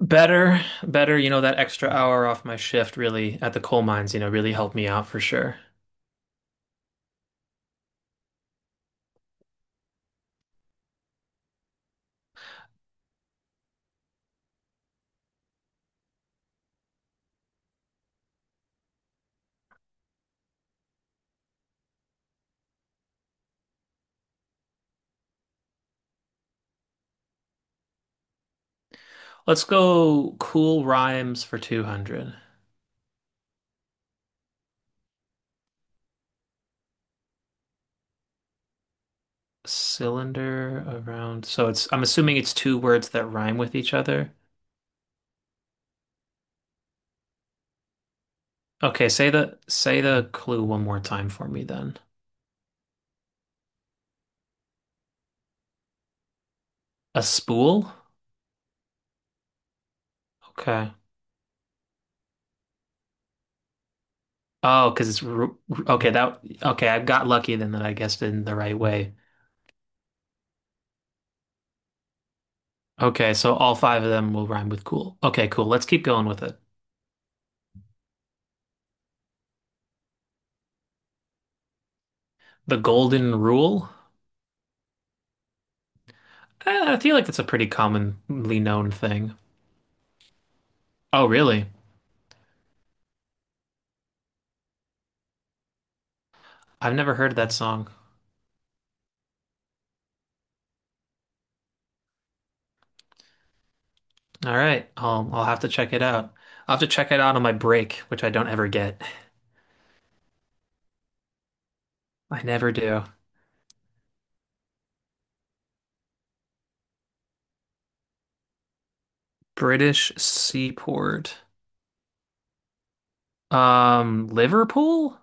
Better, better, you know, that extra hour off my shift really at the coal mines, you know, really helped me out for sure. Let's go cool rhymes for 200. Cylinder around. So I'm assuming it's two words that rhyme with each other. Okay, say the clue one more time for me then. A spool? Okay. Oh, because it's ru- ru- okay, that okay, I got lucky then that I guessed it in the right way. Okay, so all five of them will rhyme with cool. Okay, cool. Let's keep going with it. The golden rule? Eh, I feel like that's a pretty commonly known thing. Oh, really? I've never heard that song. All right, I'll have to check it out. I'll have to check it out on my break, which I don't ever get. I never do. British seaport. Liverpool?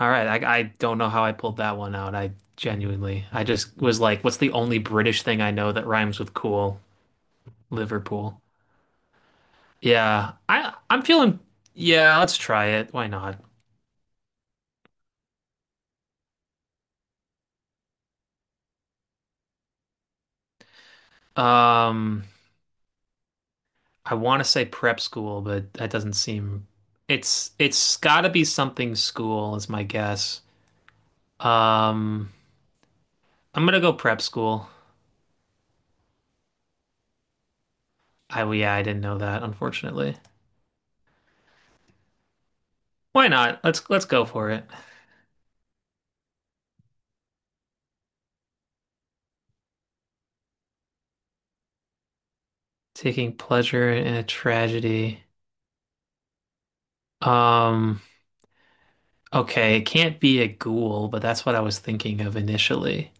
All right, I don't know how I pulled that one out. I genuinely, I just was like, what's the only British thing I know that rhymes with cool? Liverpool. Yeah, I'm feeling. Yeah, let's try it. Why not? Um. I want to say prep school, but that doesn't seem it's got to be something school is my guess. Um, I'm gonna go prep school. I well, yeah, I didn't know that, unfortunately. Why not? Let's go for it. Taking pleasure in a tragedy. Um, okay, it can't be a ghoul, but that's what I was thinking of initially.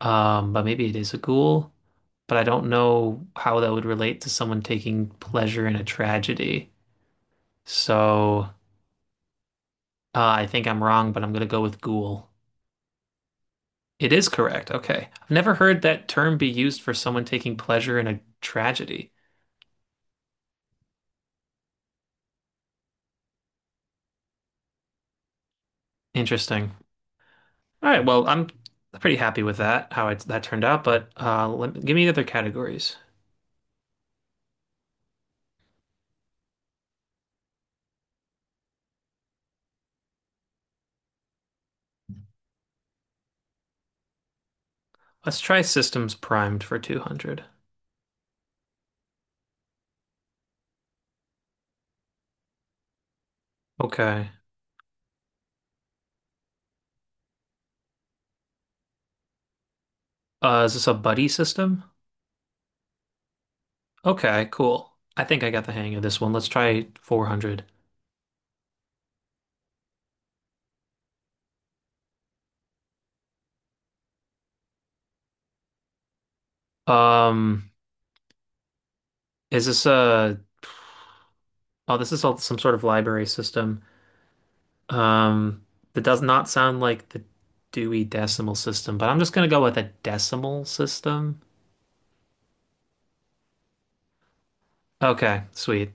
But maybe it is a ghoul, but I don't know how that would relate to someone taking pleasure in a tragedy. So I think I'm wrong, but I'm going to go with ghoul. It is correct. Okay. I've never heard that term be used for someone taking pleasure in a tragedy. Interesting. All right. Well, I'm pretty happy with that turned out, but give me the other categories. Let's try systems primed for 200. Okay. Is this a buddy system? Okay, cool. I think I got the hang of this one. Let's try 400. Um, is this a, oh, this is all some sort of library system. Um, that does not sound like the Dewey Decimal System, but I'm just gonna go with a decimal system. Okay, sweet.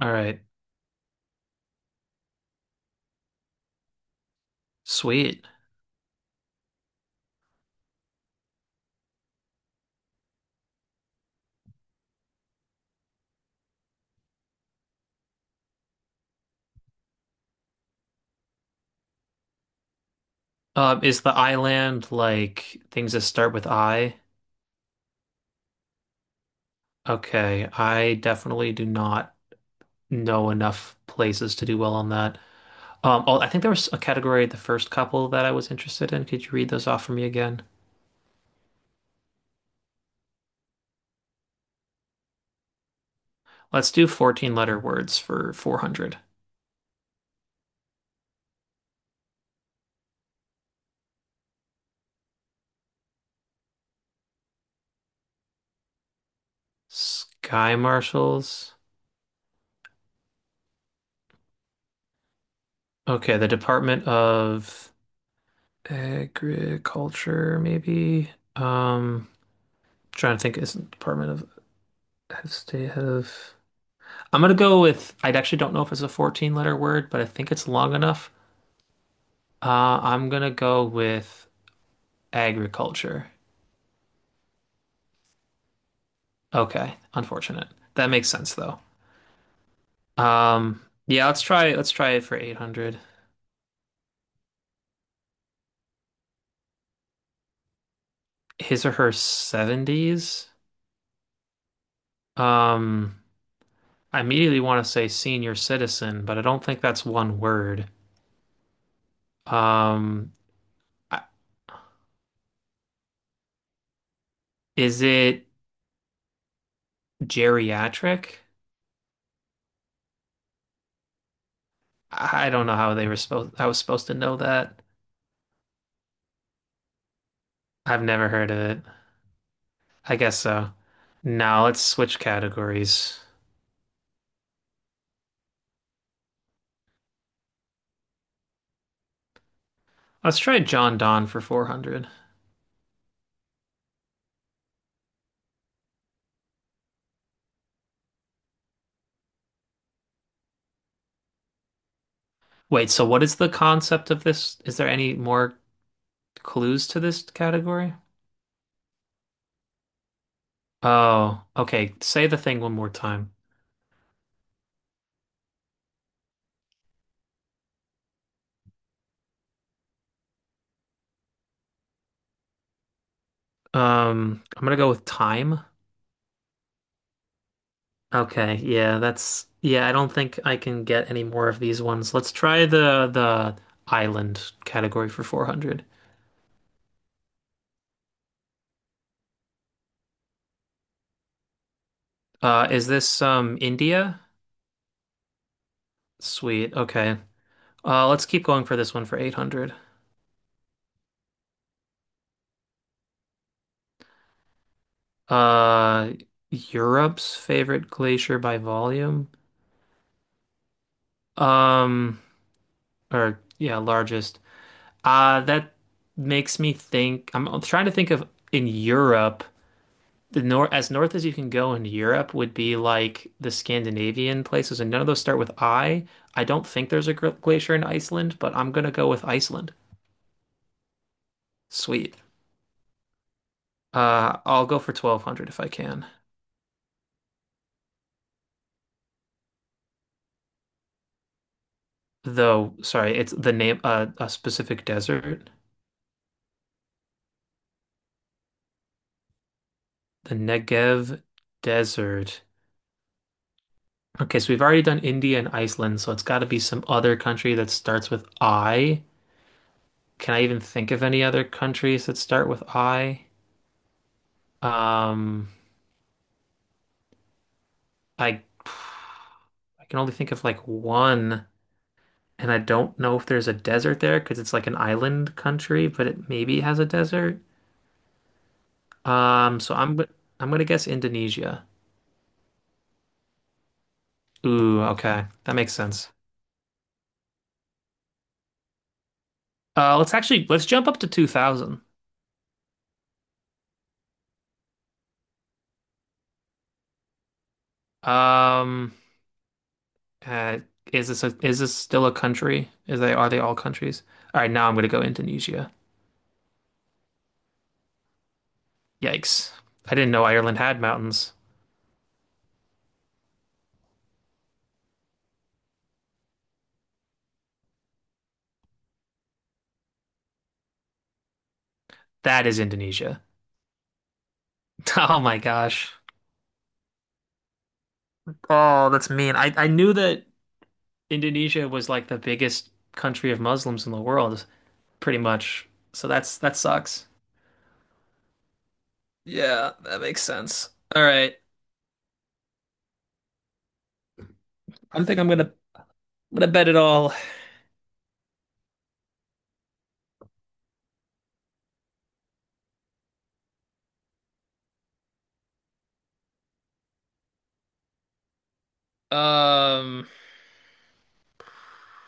All right, sweet. Is the island like things that start with I? Okay, I definitely do not know enough places to do well on that. Oh, I think there was a category, the first couple that I was interested in. Could you read those off for me again? Let's do 14 letter words for 400. Sky marshals. Okay, the Department of Agriculture, maybe. Um, Trying to think, is it Department of State Head of? I'm gonna go with. I actually don't know if it's a 14 letter word, but I think it's long enough. I'm gonna go with agriculture. Okay, unfortunate. That makes sense though. Um, yeah, let's try. Let's try it for 800. His or her 70s. Um, I immediately want to say senior citizen, but I don't think that's one word. Um, I- is it geriatric? I don't know how they were supposed. I was supposed to know that. I've never heard of it. I guess so. Now let's switch categories. Let's try John Donne for 400. Wait, so what is the concept of this? Is there any more clues to this category? Oh, okay. Say the thing one more time. I'm gonna go with time. Okay, yeah, I don't think I can get any more of these ones. Let's try the island category for 400. Is this India? Sweet. Okay. Let's keep going for this one for 800. Uh Europe's favorite glacier by volume. Um or yeah, largest. That makes me think I'm trying to think of in Europe the north as you can go in Europe would be like the Scandinavian places, and none of those start with I. I don't think there's a glacier in Iceland, but I'm gonna go with Iceland. Sweet. I'll go for 1200 if I can. Though, sorry, it's the name a specific desert, the Negev Desert. Okay, so we've already done India and Iceland, so it's got to be some other country that starts with I. Can I even think of any other countries that start with I? Um, I I can only think of like one, and I don't know if there's a desert there because it's like an island country, but it maybe has a desert. Um, so I'm go- I'm gonna guess Indonesia. Ooh, okay, that makes sense. Let's jump up to 2000. Um, uh, is this still a country? Is they are they all countries? All right, now I'm gonna go Indonesia. Yikes! I didn't know Ireland had mountains. That is Indonesia. Oh my gosh. Oh, that's mean. I knew that. Indonesia was like the biggest country of Muslims in the world, pretty much. So that's that sucks. Yeah, that makes sense. All right. I think I'm gonna gonna bet it all. Um,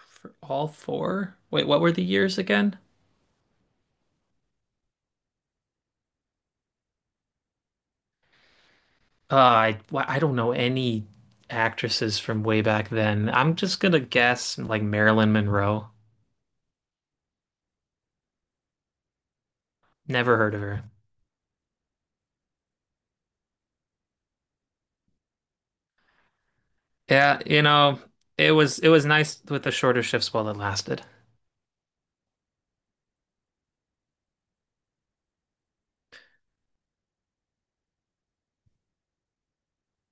for all four? Wait, what were the years again? I don't know any actresses from way back then. I'm just gonna guess like Marilyn Monroe. Never heard of her. Yeah, you know, it was nice with the shorter shifts while it lasted.